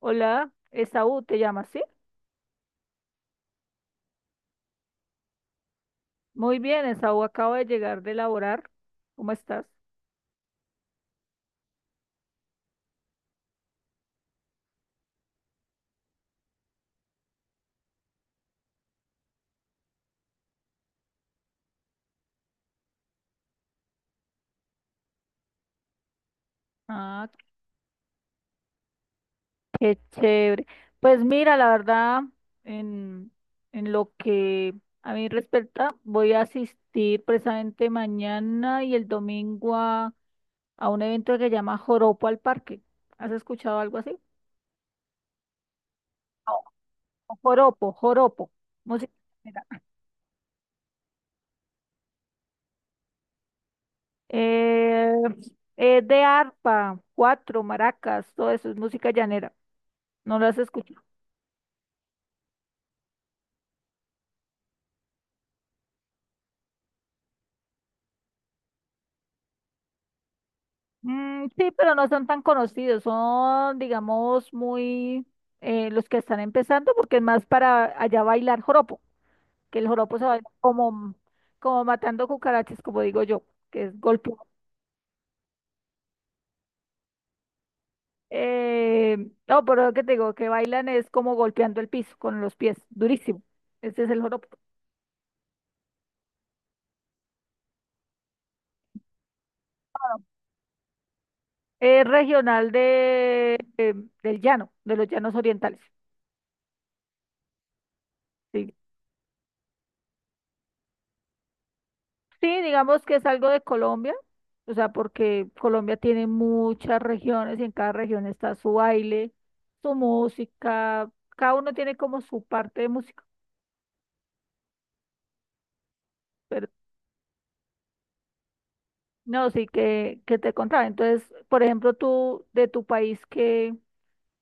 Hola, Esaú, ¿te llamas, sí? Muy bien, Esaú, acabo de llegar de laborar. ¿Cómo estás? Ah, qué chévere. Pues mira, la verdad, en, en lo que a mí respecta, voy a asistir precisamente mañana y el domingo a un evento que se llama Joropo al Parque. ¿Has escuchado algo así? No, Joropo, Joropo. Música ligera. Eh, es de arpa, cuatro, maracas, todo eso es música llanera. ¿No lo has escuchado? Mm, sí, pero no son tan conocidos, son, digamos, muy los que están empezando, porque es más para allá bailar joropo, que el joropo se baila como, como matando cucarachas, como digo yo, que es golpeando. Eh, no, pero lo que te digo, que bailan es como golpeando el piso con los pies, durísimo. Ese es el joropo. Es regional de, del llano, de los llanos orientales. Sí. Sí, digamos que es algo de Colombia, o sea, porque Colombia tiene muchas regiones y en cada región está su baile, su música, cada uno tiene como su parte de música, pero no, sí que te contaba. Entonces, por ejemplo, tú de tu país, ¿qué,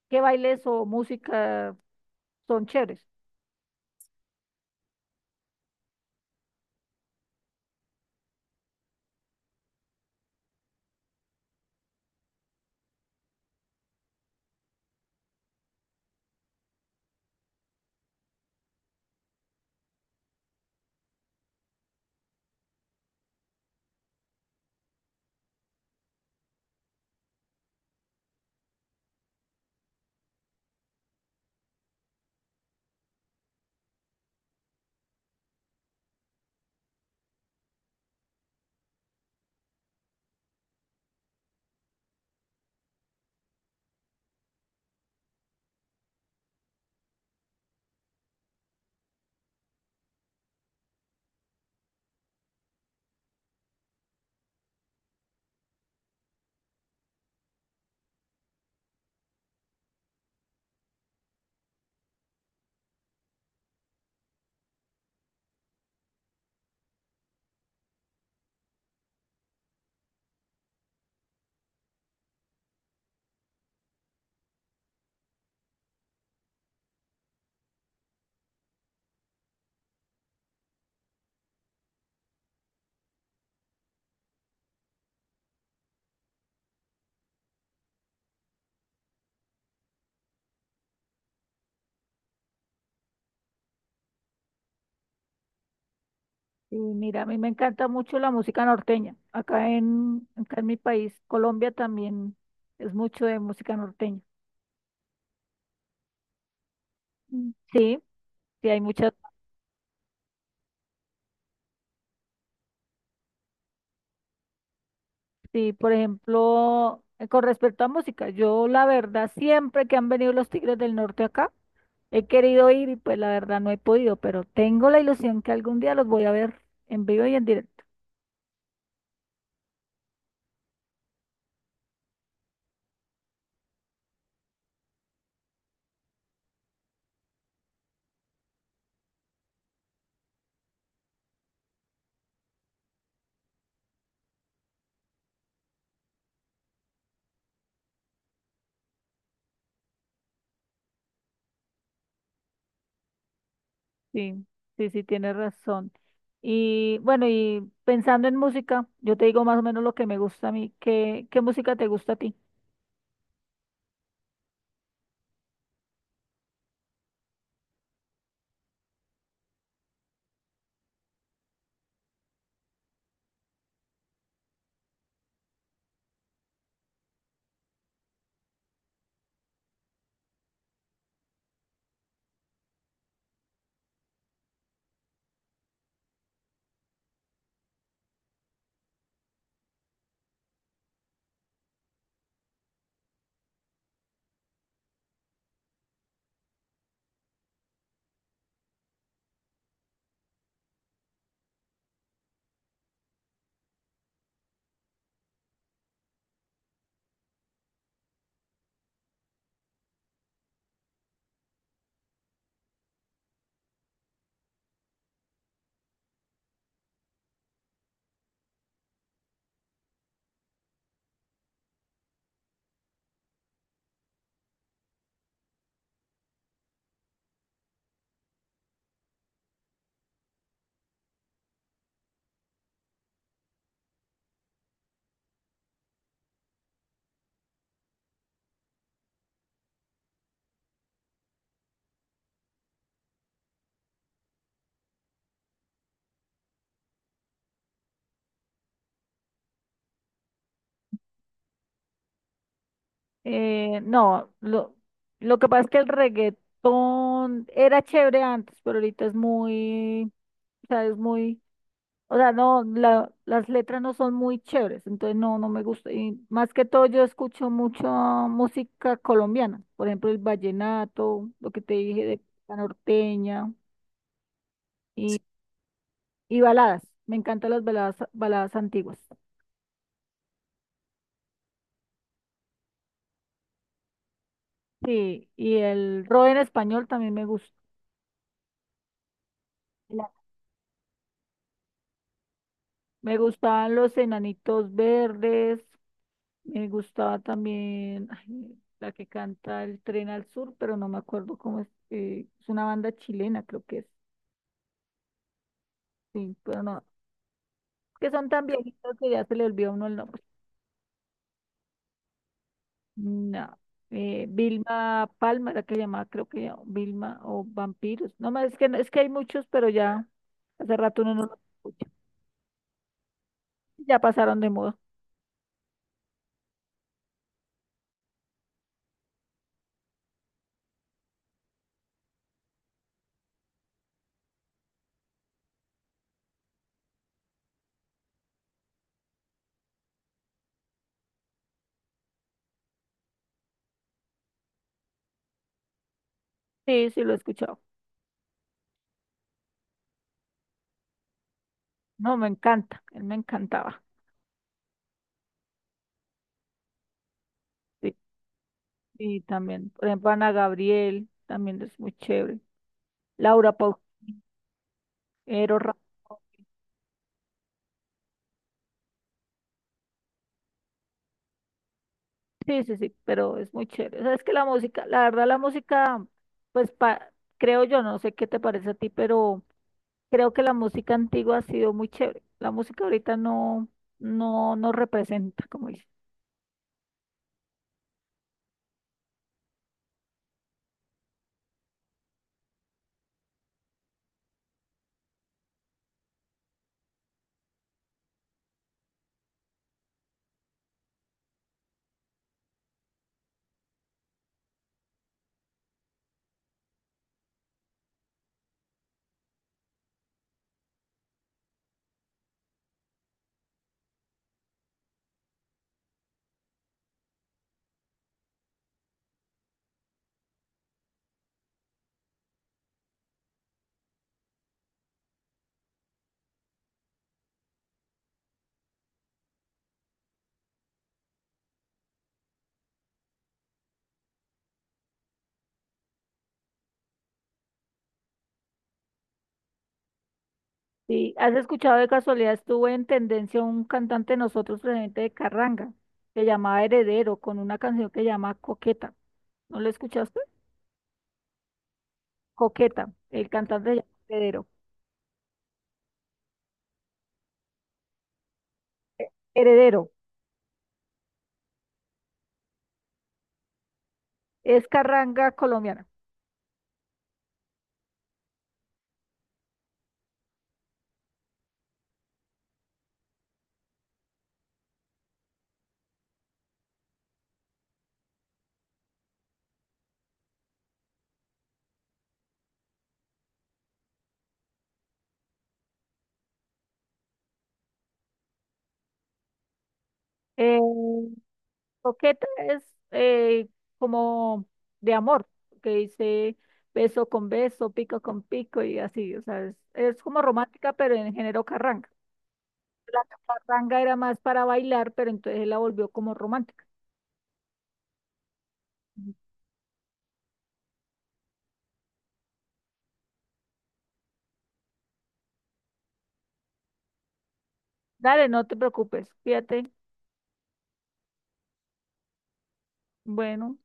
qué bailes o música son chéveres? Y mira, a mí me encanta mucho la música norteña. Acá en mi país, Colombia, también es mucho de música norteña. Mm. Sí, sí, hay muchas. Sí, por ejemplo, con respecto a música, yo la verdad siempre que han venido los Tigres del Norte acá, he querido ir y pues la verdad no he podido, pero tengo la ilusión que algún día los voy a ver en vivo y en directo. Sí, sí, sí, tienes razón. Y bueno, y pensando en música, yo te digo más o menos lo que me gusta a mí. ¿Qué, qué música te gusta a ti? No, lo que pasa es que el reggaetón era chévere antes, pero ahorita es muy, o sea, es muy... O sea, no, las letras no son muy chéveres, entonces no, no me gusta. Y más que todo yo escucho mucho música colombiana, por ejemplo el vallenato, lo que te dije de la norteña. Sí, y baladas. Me encantan las baladas, baladas antiguas. Sí, y el rock en español también me gusta. La- Me gustaban los Enanitos Verdes, me gustaba también, ay, la que canta El Tren al Sur, pero no me acuerdo cómo es. Eh, es una banda chilena, creo que es. Sí, pero no, que son tan viejitos que ya se le olvidó a uno el nombre. No. Vilma Palma era que se llamaba, creo que ya, Vilma o Vampiros. No más, es que, es que hay muchos, pero ya hace rato uno no los escucha. Ya pasaron de moda. Sí, sí, lo he escuchado. No, me encanta, él me encantaba. Sí, y también, por ejemplo, Ana Gabriel, también es muy chévere. Laura Pausini, Eros Ramazzotti. Sí, sí, sí, pero es muy chévere. O sea, es que la música, la verdad, la música, pues pa- creo yo, no sé qué te parece a ti, pero creo que la música antigua ha sido muy chévere. La música ahorita no, no nos representa, como dice. Sí, ¿has escuchado de casualidad? Estuvo en tendencia un cantante de nosotros, presidente de Carranga, que llamaba Heredero, con una canción que llama Coqueta. ¿No lo escuchaste? Coqueta, el cantante se llama Heredero. Eh, Heredero, es Carranga colombiana. Eh, Coqueta es eh, como de amor, que dice beso con beso, pico con pico y así, o sea, es como romántica, pero en género carranga. La carranga era más para bailar, pero entonces la volvió como romántica. Dale, no te preocupes, fíjate, bueno.